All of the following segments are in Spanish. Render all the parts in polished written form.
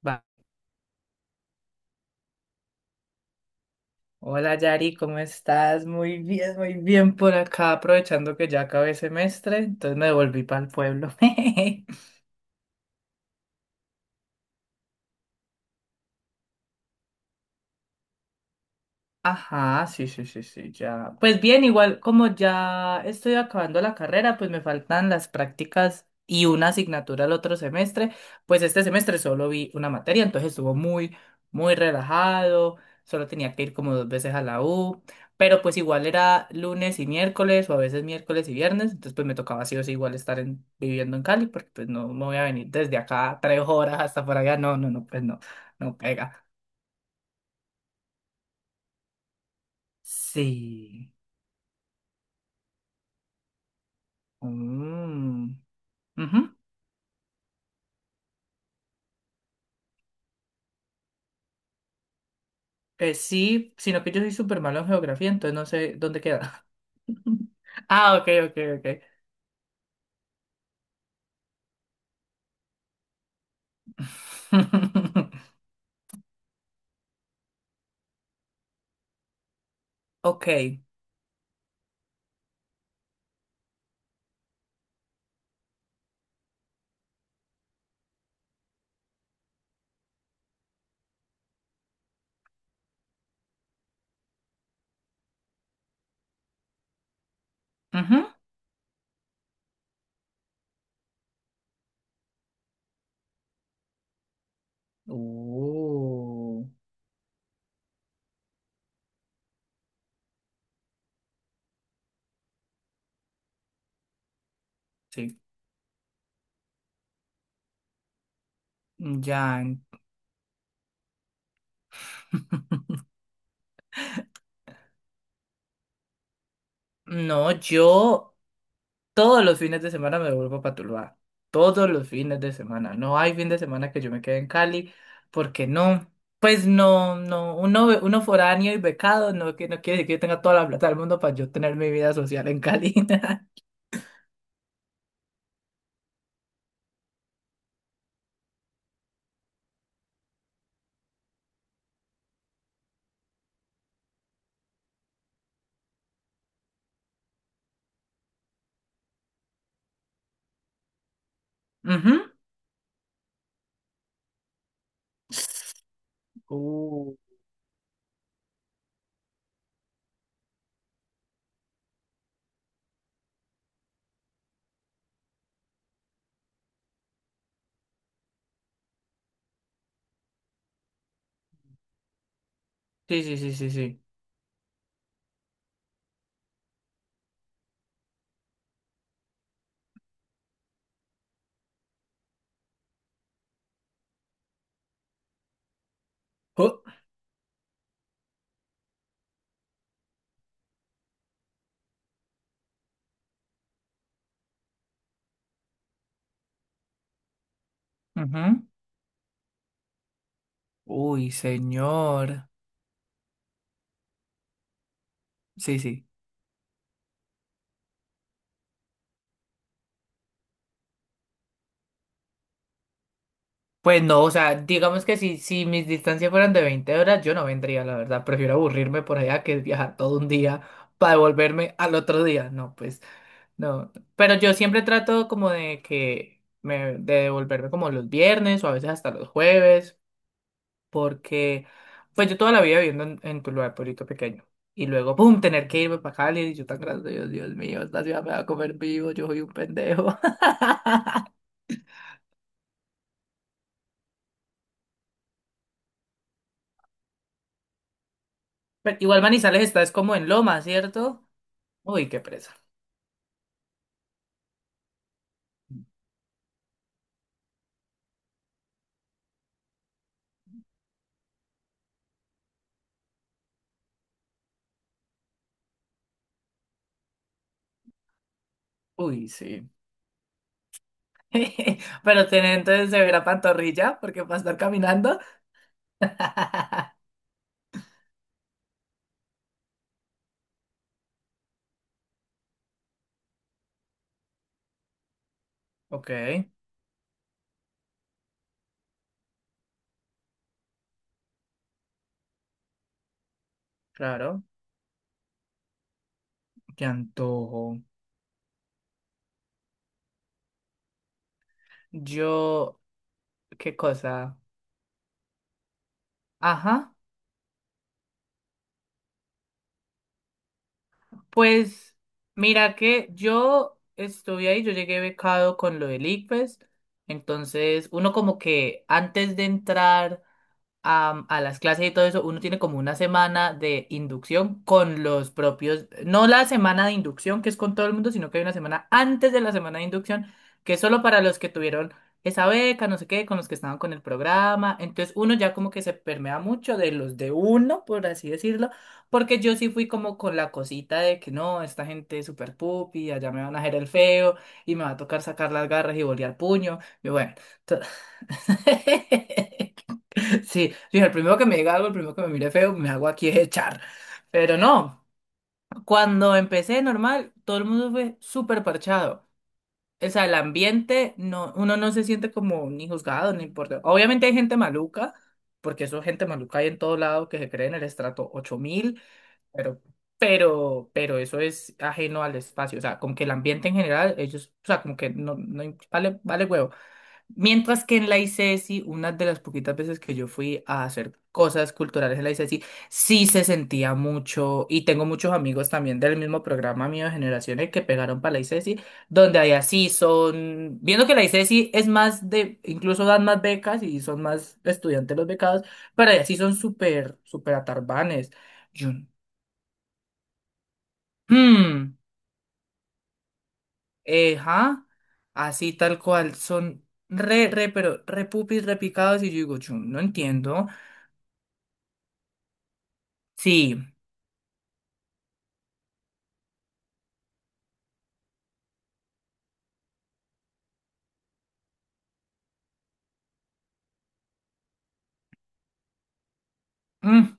Va. Hola Yari, ¿cómo estás? Muy bien por acá, aprovechando que ya acabé semestre, entonces me devolví para el pueblo. Ajá, sí, sí, sí, sí, ya. Pues bien, igual como ya estoy acabando la carrera, pues me faltan las prácticas y una asignatura el otro semestre. Pues este semestre solo vi una materia, entonces estuvo muy, muy relajado. Solo tenía que ir como dos veces a la U, pero pues igual era lunes y miércoles o a veces miércoles y viernes, entonces pues me tocaba sí o sí igual estar viviendo en Cali porque pues no me voy a venir desde acá tres horas hasta por allá. No, no, no, pues no, no pega. Sí. Mm. Ujú. Sí, sino que yo soy súper malo en geografía, entonces no sé dónde queda. Ah, ok, ok, ok. Ok. Ujú. Uh, sí, ya. No, yo todos los fines de semana me vuelvo a Tuluá. Todos los fines de semana. No hay fin de semana que yo me quede en Cali, porque no. Pues no, no, uno foráneo y becado no, que no quiere decir que yo tenga toda la plata del mundo para yo tener mi vida social en Cali. Ujú. Uh, sí, sí, sí, sí, sí. Oh, ujú. Uy, señor. Sí, sí. Pues no, o sea, digamos que si mis distancias fueran de 20 horas, yo no vendría, la verdad. Prefiero aburrirme por allá que viajar todo un día para devolverme al otro día. No, pues no. Pero yo siempre trato como de devolverme como los viernes o a veces hasta los jueves, porque pues yo toda la vida viviendo en Tuluá, pueblito pequeño, y luego, ¡pum!, tener que irme para Cali, y yo tan grande, Dios mío, esta ciudad me va a comer vivo, yo soy un pendejo. Pero igual Manizales está, es como en Loma, ¿cierto? Uy, qué presa. Uy, sí. Pero tiene entonces se pantorrilla, porque para estar caminando. Ok, claro. Qué antojo. Yo, qué cosa. Ajá. Pues mira que yo estuve ahí, yo llegué becado con lo del ICFES, entonces uno como que antes de entrar a las clases y todo eso, uno tiene como una semana de inducción con los propios, no la semana de inducción que es con todo el mundo, sino que hay una semana antes de la semana de inducción que es solo para los que tuvieron esa beca, no sé qué, con los que estaban con el programa. Entonces uno ya como que se permea mucho de los de uno, por así decirlo, porque yo sí fui como con la cosita de que no, esta gente es súper pupi, allá me van a hacer el feo y me va a tocar sacar las garras y bolear puño. Y bueno, to- Sí, dije, el primero que me diga algo, el primero que me mire feo, me hago aquí es echar. Pero no, cuando empecé normal, todo el mundo fue súper parchado. O sea, el ambiente, no, uno no se siente como ni juzgado, ni importa. Obviamente hay gente maluca, porque eso gente maluca hay en todo lado que se cree en el estrato ocho mil, pero, pero eso es ajeno al espacio. O sea, como que el ambiente en general, ellos, o sea, como que no, vale, vale. Mientras que en la ICESI, una de las poquitas veces que yo fui a hacer cosas culturales en la ICESI, sí se sentía mucho, y tengo muchos amigos también del mismo programa mío de generaciones que pegaron para la ICESI, donde allá sí son, viendo que la ICESI es más de, incluso dan más becas y son más estudiantes los becados, pero allá sí son súper, súper atarbanes. Yo, hmm, eh, ja, así tal cual, son re, re, pero re pupis, repicados, y yo digo, yo no entiendo. Sí. Mm.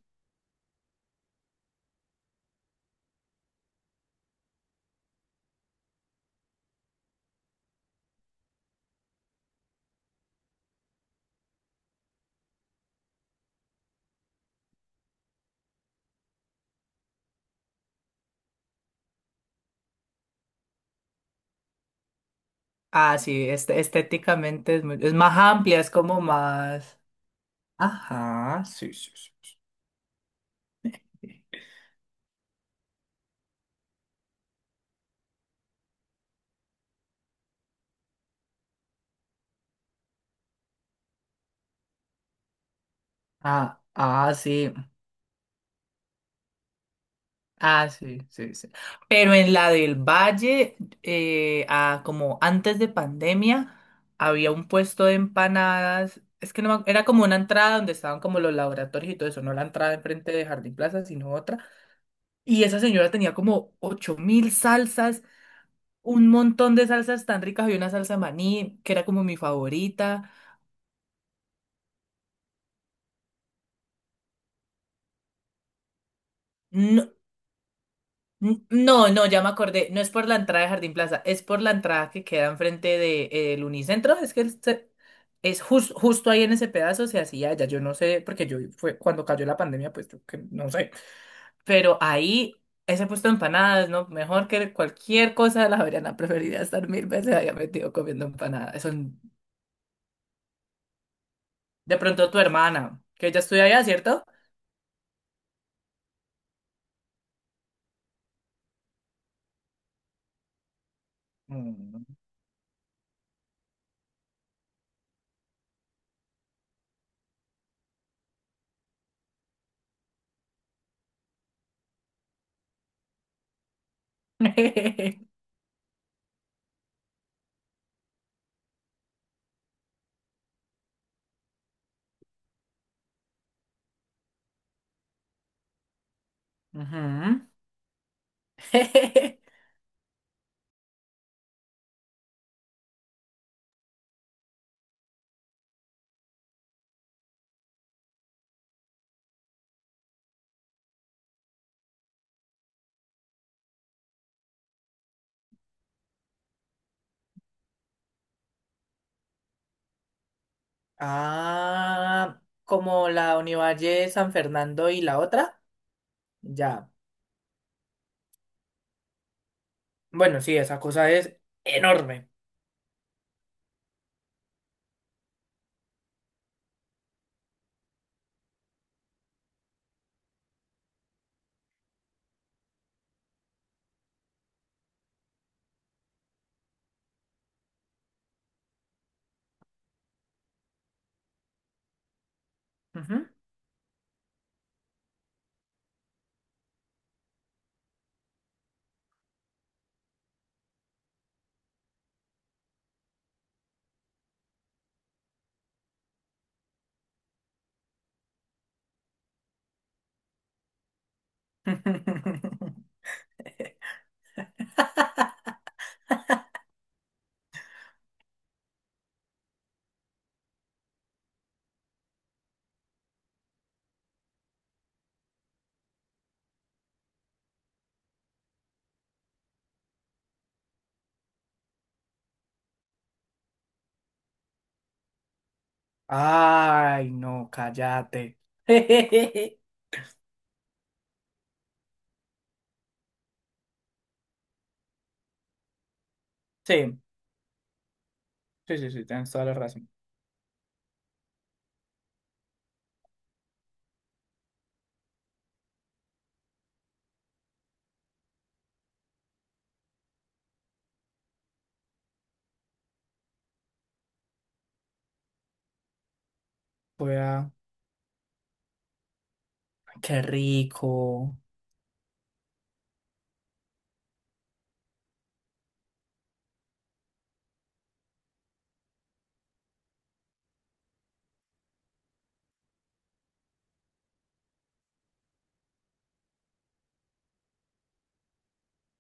Ah, sí, este, estéticamente es más amplia, es como más. Ajá, sí, sí, sí, sí. Ah, ah, sí. Ah, sí, sí, sí. Pero en la del Valle, como antes de pandemia, había un puesto de empanadas. Es que no, era como una entrada donde estaban como los laboratorios y todo eso, no la entrada enfrente de Jardín Plaza, sino otra. Y esa señora tenía como ocho mil salsas, un montón de salsas tan ricas. Había una salsa maní que era como mi favorita. No, no, no, ya me acordé. No es por la entrada de Jardín Plaza, es por la entrada que queda enfrente del Unicentro. Es que el ce- es jus- justo ahí en ese pedazo se hacía ya. Yo no sé, porque yo fue cuando cayó la pandemia, pues yo que no sé. Pero ahí, ese puesto de empanadas, ¿no? Mejor que cualquier cosa de la Javeriana. Preferiría estar mil veces allá metido comiendo empanadas. Son de pronto tu hermana, que ella estudia allá, ¿cierto? Mm. Ujú. Ah, como la Univalle San Fernando y la otra. Ya. Bueno, sí, esa cosa es enorme. Ujú. Ay, no, cállate. Sí, sí, sí, sí, tienes toda la razón. Voy a. Qué rico.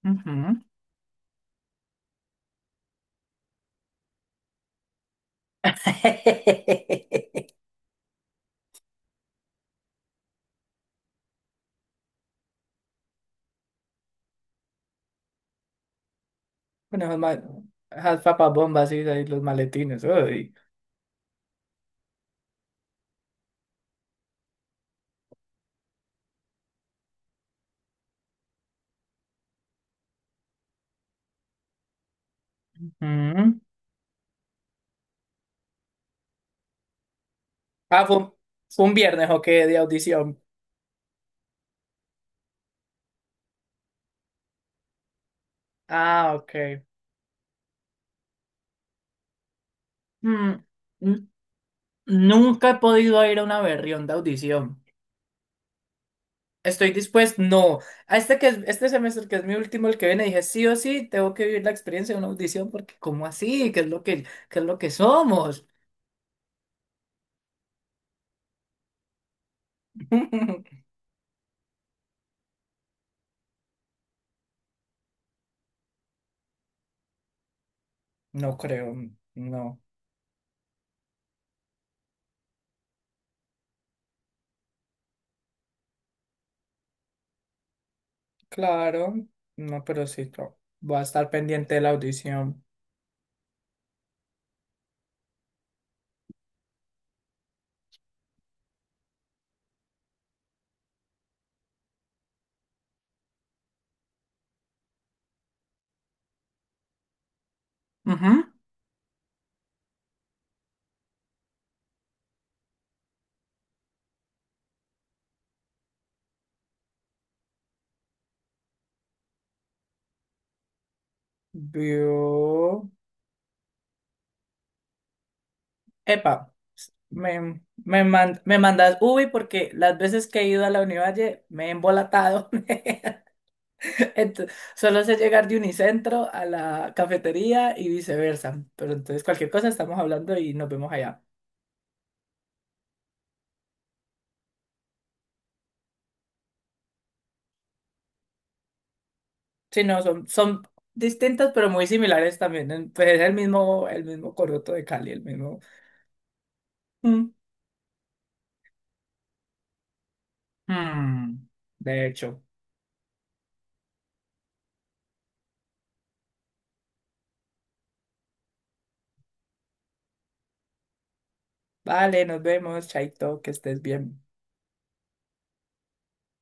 Ujú. Bueno, esas papas bombas y ahí los maletines. Uy. Ujú. Ah, fue un, viernes, ok, de audición. Ah, ok. Mm, n- Nunca he podido ir a una berrión de audición. Estoy dispuesto, no. A este que es- Este semestre que es mi último, el que viene, dije sí o sí, tengo que vivir la experiencia de una audición, porque ¿cómo así? ¿Qué es lo que somos? No creo, no. Claro, no, pero sí, no. Voy a estar pendiente de la audición. Ujú. Vio. Epa, me mandas Ubi porque las veces que he ido a la Univalle me he embolatado. Ento- Solo sé llegar de Unicentro a la cafetería y viceversa. Pero entonces cualquier cosa estamos hablando y nos vemos allá. Sí, no, son distintas pero muy similares también. Pues es el mismo coroto de Cali, el mismo. Mm. Mm. De hecho. Vale, nos vemos, Chaito, que estés bien.